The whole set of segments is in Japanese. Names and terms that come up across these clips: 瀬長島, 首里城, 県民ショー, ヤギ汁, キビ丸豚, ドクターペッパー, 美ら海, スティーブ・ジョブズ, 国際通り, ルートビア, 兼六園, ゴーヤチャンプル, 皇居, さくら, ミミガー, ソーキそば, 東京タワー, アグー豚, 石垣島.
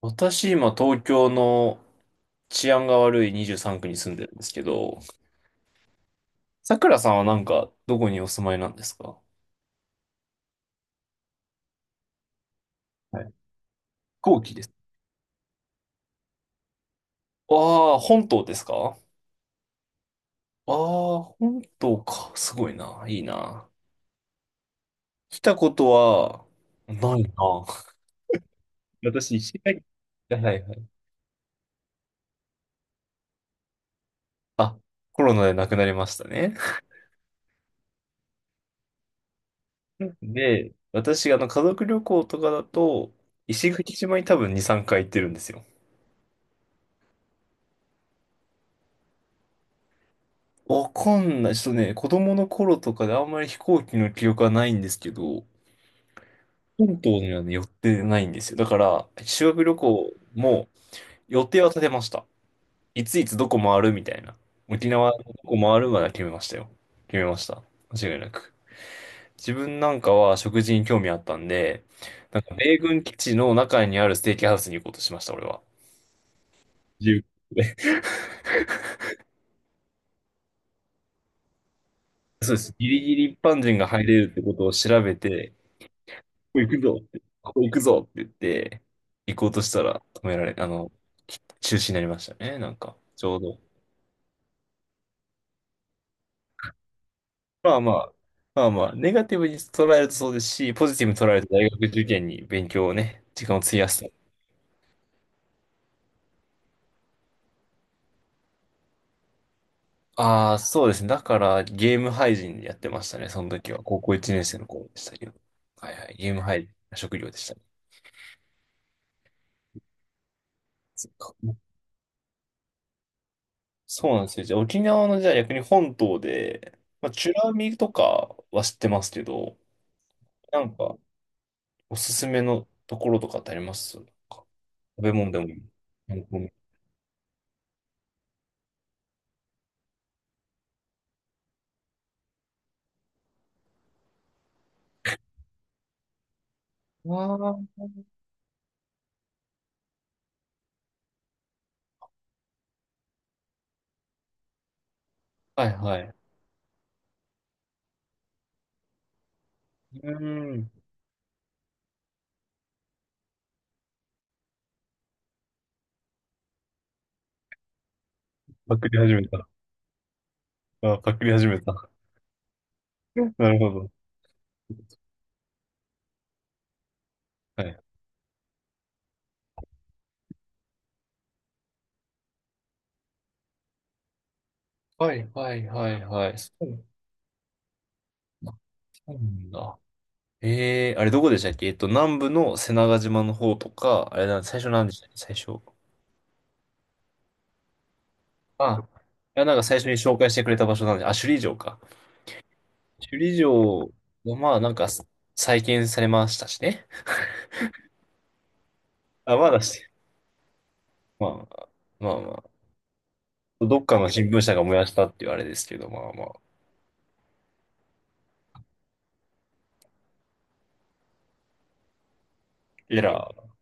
私、今、東京の治安が悪い23区に住んでるんですけど、さくらさんはなんか、どこにお住まいなんですか？はい。後期です。ああ、本島ですか？ああー、本島か。すごいな。いいな。来たことは、ないな。私、石垣、はいはいはい。あ、コロナで亡くなりましたね。で、私、家族旅行とかだと、石垣島に多分2、3回行ってるんですよ。わかんない。ちょっとね、子供の頃とかであんまり飛行機の記憶はないんですけど、本島にはね、寄ってないんですよ。だから、修学旅行も予定は立てました。いついつどこ回るみたいな。沖縄のどこ回るまでは決めましたよ。決めました。間違いなく。自分なんかは食事に興味あったんで、なんか米軍基地の中にあるステーキハウスに行こうとしました、俺は。自由で、そうです。ギリギリ一般人が入れるってことを調べて、ここ行くぞって、ここ行くぞって言って、行こうとしたら止められ、中止になりましたね、なんか、ちょうど。まあまあ、まあまあ、ネガティブに捉えるとそうですし、ポジティブに捉えると大学受験に勉強をね、時間を費やすと。ああ、そうですね。だから、ゲーム配信やってましたね、その時は。高校1年生の頃でしたけど。はいはい、ゲーム配信、職業でしたね。そっか。そうなんですよ。じゃあ、沖縄の、じゃあ逆に本島で、まあ、美ら海とかは知ってますけど、なんか、おすすめのところとかってありますなんか？食べ物でもいい。観光も。ああ、はいはい。うーん。パクリ始めた。あ、パクリ始めた。なるほど。はい。はいはいはいはい。そう。あ、そうなんだ。ええー、あれどこでしたっけ？南部の瀬長島の方とか、あれ、なん、最初なんでしたっけ、最初。あ、いや、なんか最初に紹介してくれた場所なんで、あ、首里城か。首里城はまあなんか再建されましたしね。あ、まだして、まあまあまあま、どっかの新聞社が燃やしたっていうあれですけど、まあまあ。エラー。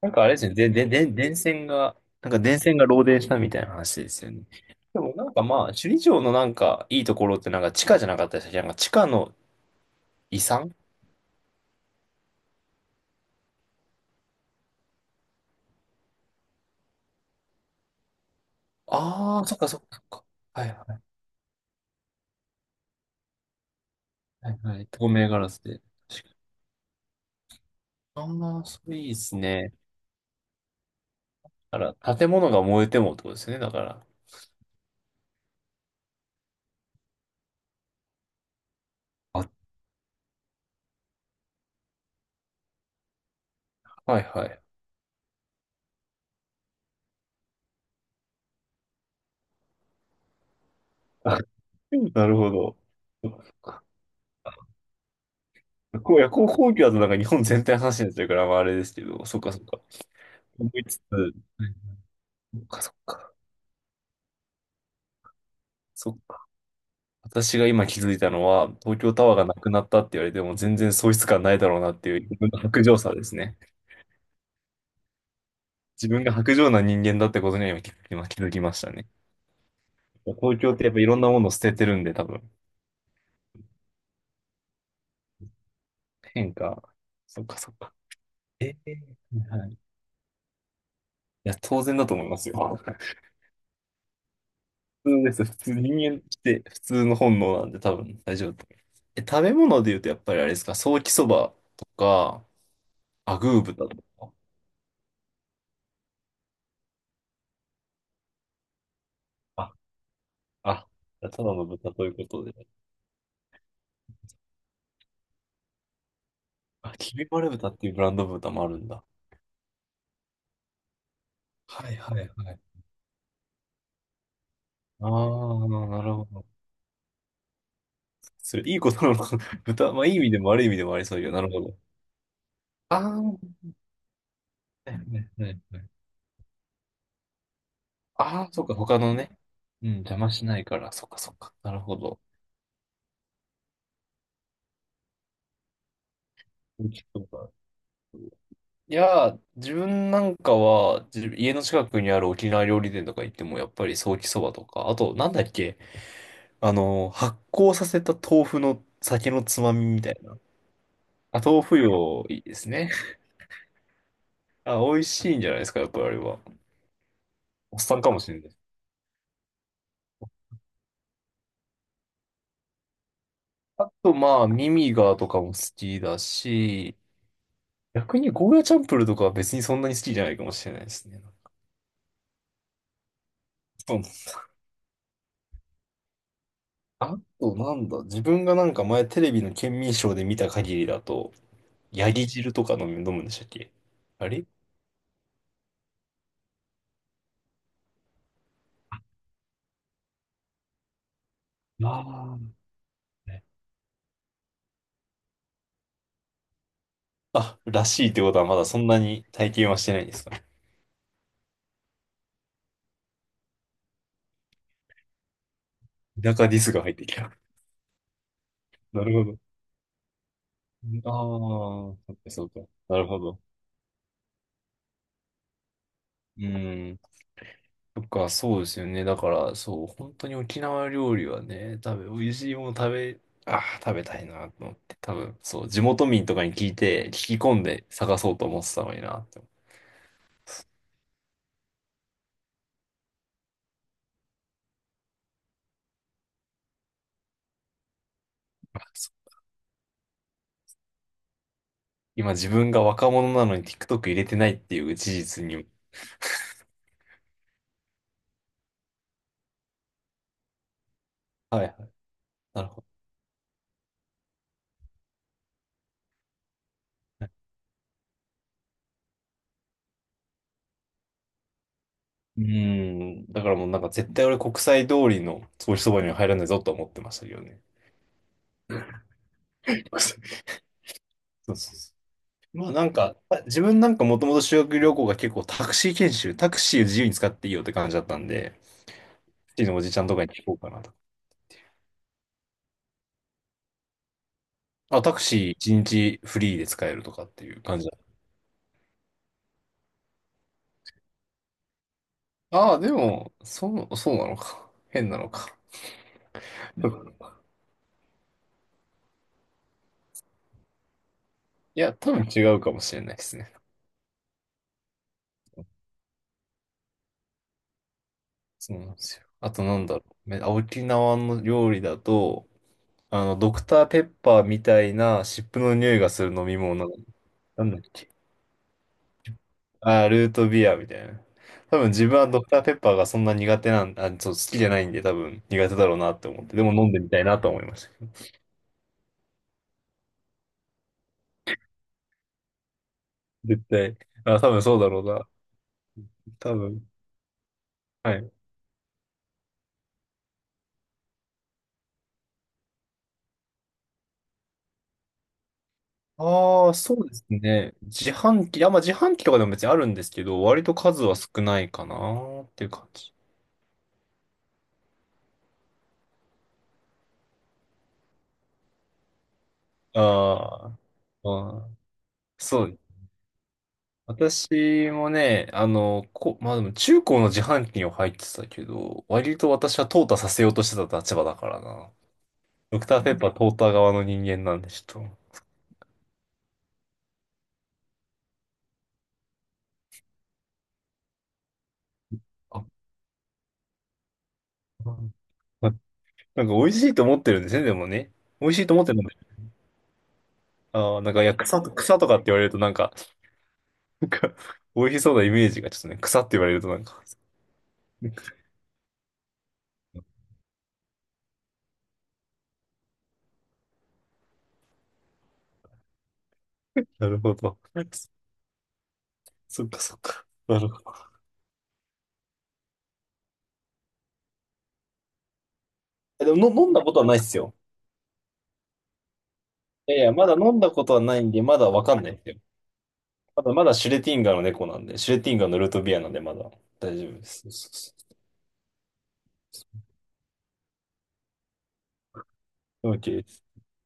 なんかあれですね、で、電線が、なんか電線が漏電したみたいな話ですよね。でもなんかまあ、首里城のなんかいいところってなんか地下じゃなかったでしたっけ？なんか地下の遺産。ああー、そっかそっかそっか。はいはいはいはい。透明ガラスで。ああ、それいいですね。だから、建物が燃えてもってことですよね、だから。あ、はいはい。なるほど。こう、いや、こう、皇居だとなんか日本全体の話になっちゃうから、まああれですけど、そっかそっか。思いつつ、そっかそっか。そっか。私が今気づいたのは、東京タワーがなくなったって言われても全然喪失感ないだろうなっていう自分の薄情さですね。自分が薄情な人間だってことには今気づきましたね。東京ってやっぱいろんなものを捨ててるんで、多分。変化。そっかそっか。ええ、はい。いや、当然だと思いますよ。普通です。普通、人間って普通の本能なんで多分大丈夫だと思います。食べ物で言うとやっぱりあれですか、ソーキそばとか、アグー豚とか。あ、あ、ただの豚ということで。あ、キビ丸豚っていうブランド豚もあるんだ。はいはいはい。ああ、なるほど。それ、いいことなのかな。豚、まあいい意味でも悪い意味でもありそうよ。なるほど。ああ、はいはいはいはい。ああ、そっか、他のね。うん、邪魔しないから、そっかそっか。なるほど。いやー、自分なんかは、自家の近くにある沖縄料理店とか行っても、やっぱりソーキそばとか、あと、なんだっけ、発酵させた豆腐の酒のつまみみたいな。あ、豆腐よ、いいですね。あ、美味しいんじゃないですか、やっぱりあれは。おっさんかもしれない。あと、まあ、ミミガーとかも好きだし、逆にゴーヤチャンプルとかは別にそんなに好きじゃないかもしれないですね。そうです。あと、なんだ、自分がなんか前テレビの県民ショーで見た限りだと、ヤギ汁とか飲むんでしたっけ？あれ、ああ、ね、あ、らしいってことはまだそんなに体験はしてないんですか？田舎ディスが入ってきた。なるほど。ああ、そうか、そうか。なるほど。うん。そっか、そうですよね。だから、そう、本当に沖縄料理はね、多分、美味しいもの食べ、ああ、食べたいなと思って、多分、そう、地元民とかに聞いて、聞き込んで探そうと思ってたのになって思った。そう、今、自分が若者なのに TikTok 入れてないっていう事実に。はいはい。なるほど。うん。だからもうなんか絶対俺国際通りのソーそばには入らないぞとは思ってましたけどね。そうそうそう。まあなんか、あ、自分なんかもともと修学旅行が結構タクシー研修、タクシーを自由に使っていいよって感じだったんで、タクシーのおじちゃんとかに聞こうかなと。あ、タクシー一日フリーで使えるとかっていう感じだ。ああ、でも、そう、そうなのか。変なのか。うん。いや、多分違うかもしれないですね。そうなんですよ。あとなんだろう。沖縄の料理だと、ドクターペッパーみたいな湿布の匂いがする飲み物。なんだっけ。あー、ルートビアみたいな。多分自分はドクターペッパーがそんな苦手なん、あ、そう、好きじゃないんで多分苦手だろうなって思って。でも飲んでみたいなと思いました。絶対。あ、多分そうだろうな。多分。はい。ああ、そうですね。自販機、あ、まあ自販機とかでも別にあるんですけど、割と数は少ないかなっていう感じ。あーあー、そうですね。私もね、まあでも中高の自販機には入ってたけど、割と私は淘汰させようとしてた立場だからな。ドクターペッパー淘汰側の人間なんで、ちょっと。あ、ま、なんか美味しいと思ってるんですね、でもね。美味しいと思ってるんで。ああ、なんか、いや、草とかって言われるとなんか、なんか、美味しそうなイメージがちょっとね、草って言われるとなんか、なるほど。そっかそっか。なるほど。え、でも、の飲んだことはないっすよ。いやいや、まだ飲んだことはないんで、まだわかんないですよ。まだまだシュレティンガーの猫なんで、シュレティンガーのルートビアなんでまだ大丈夫です。そうそうそう、 OK。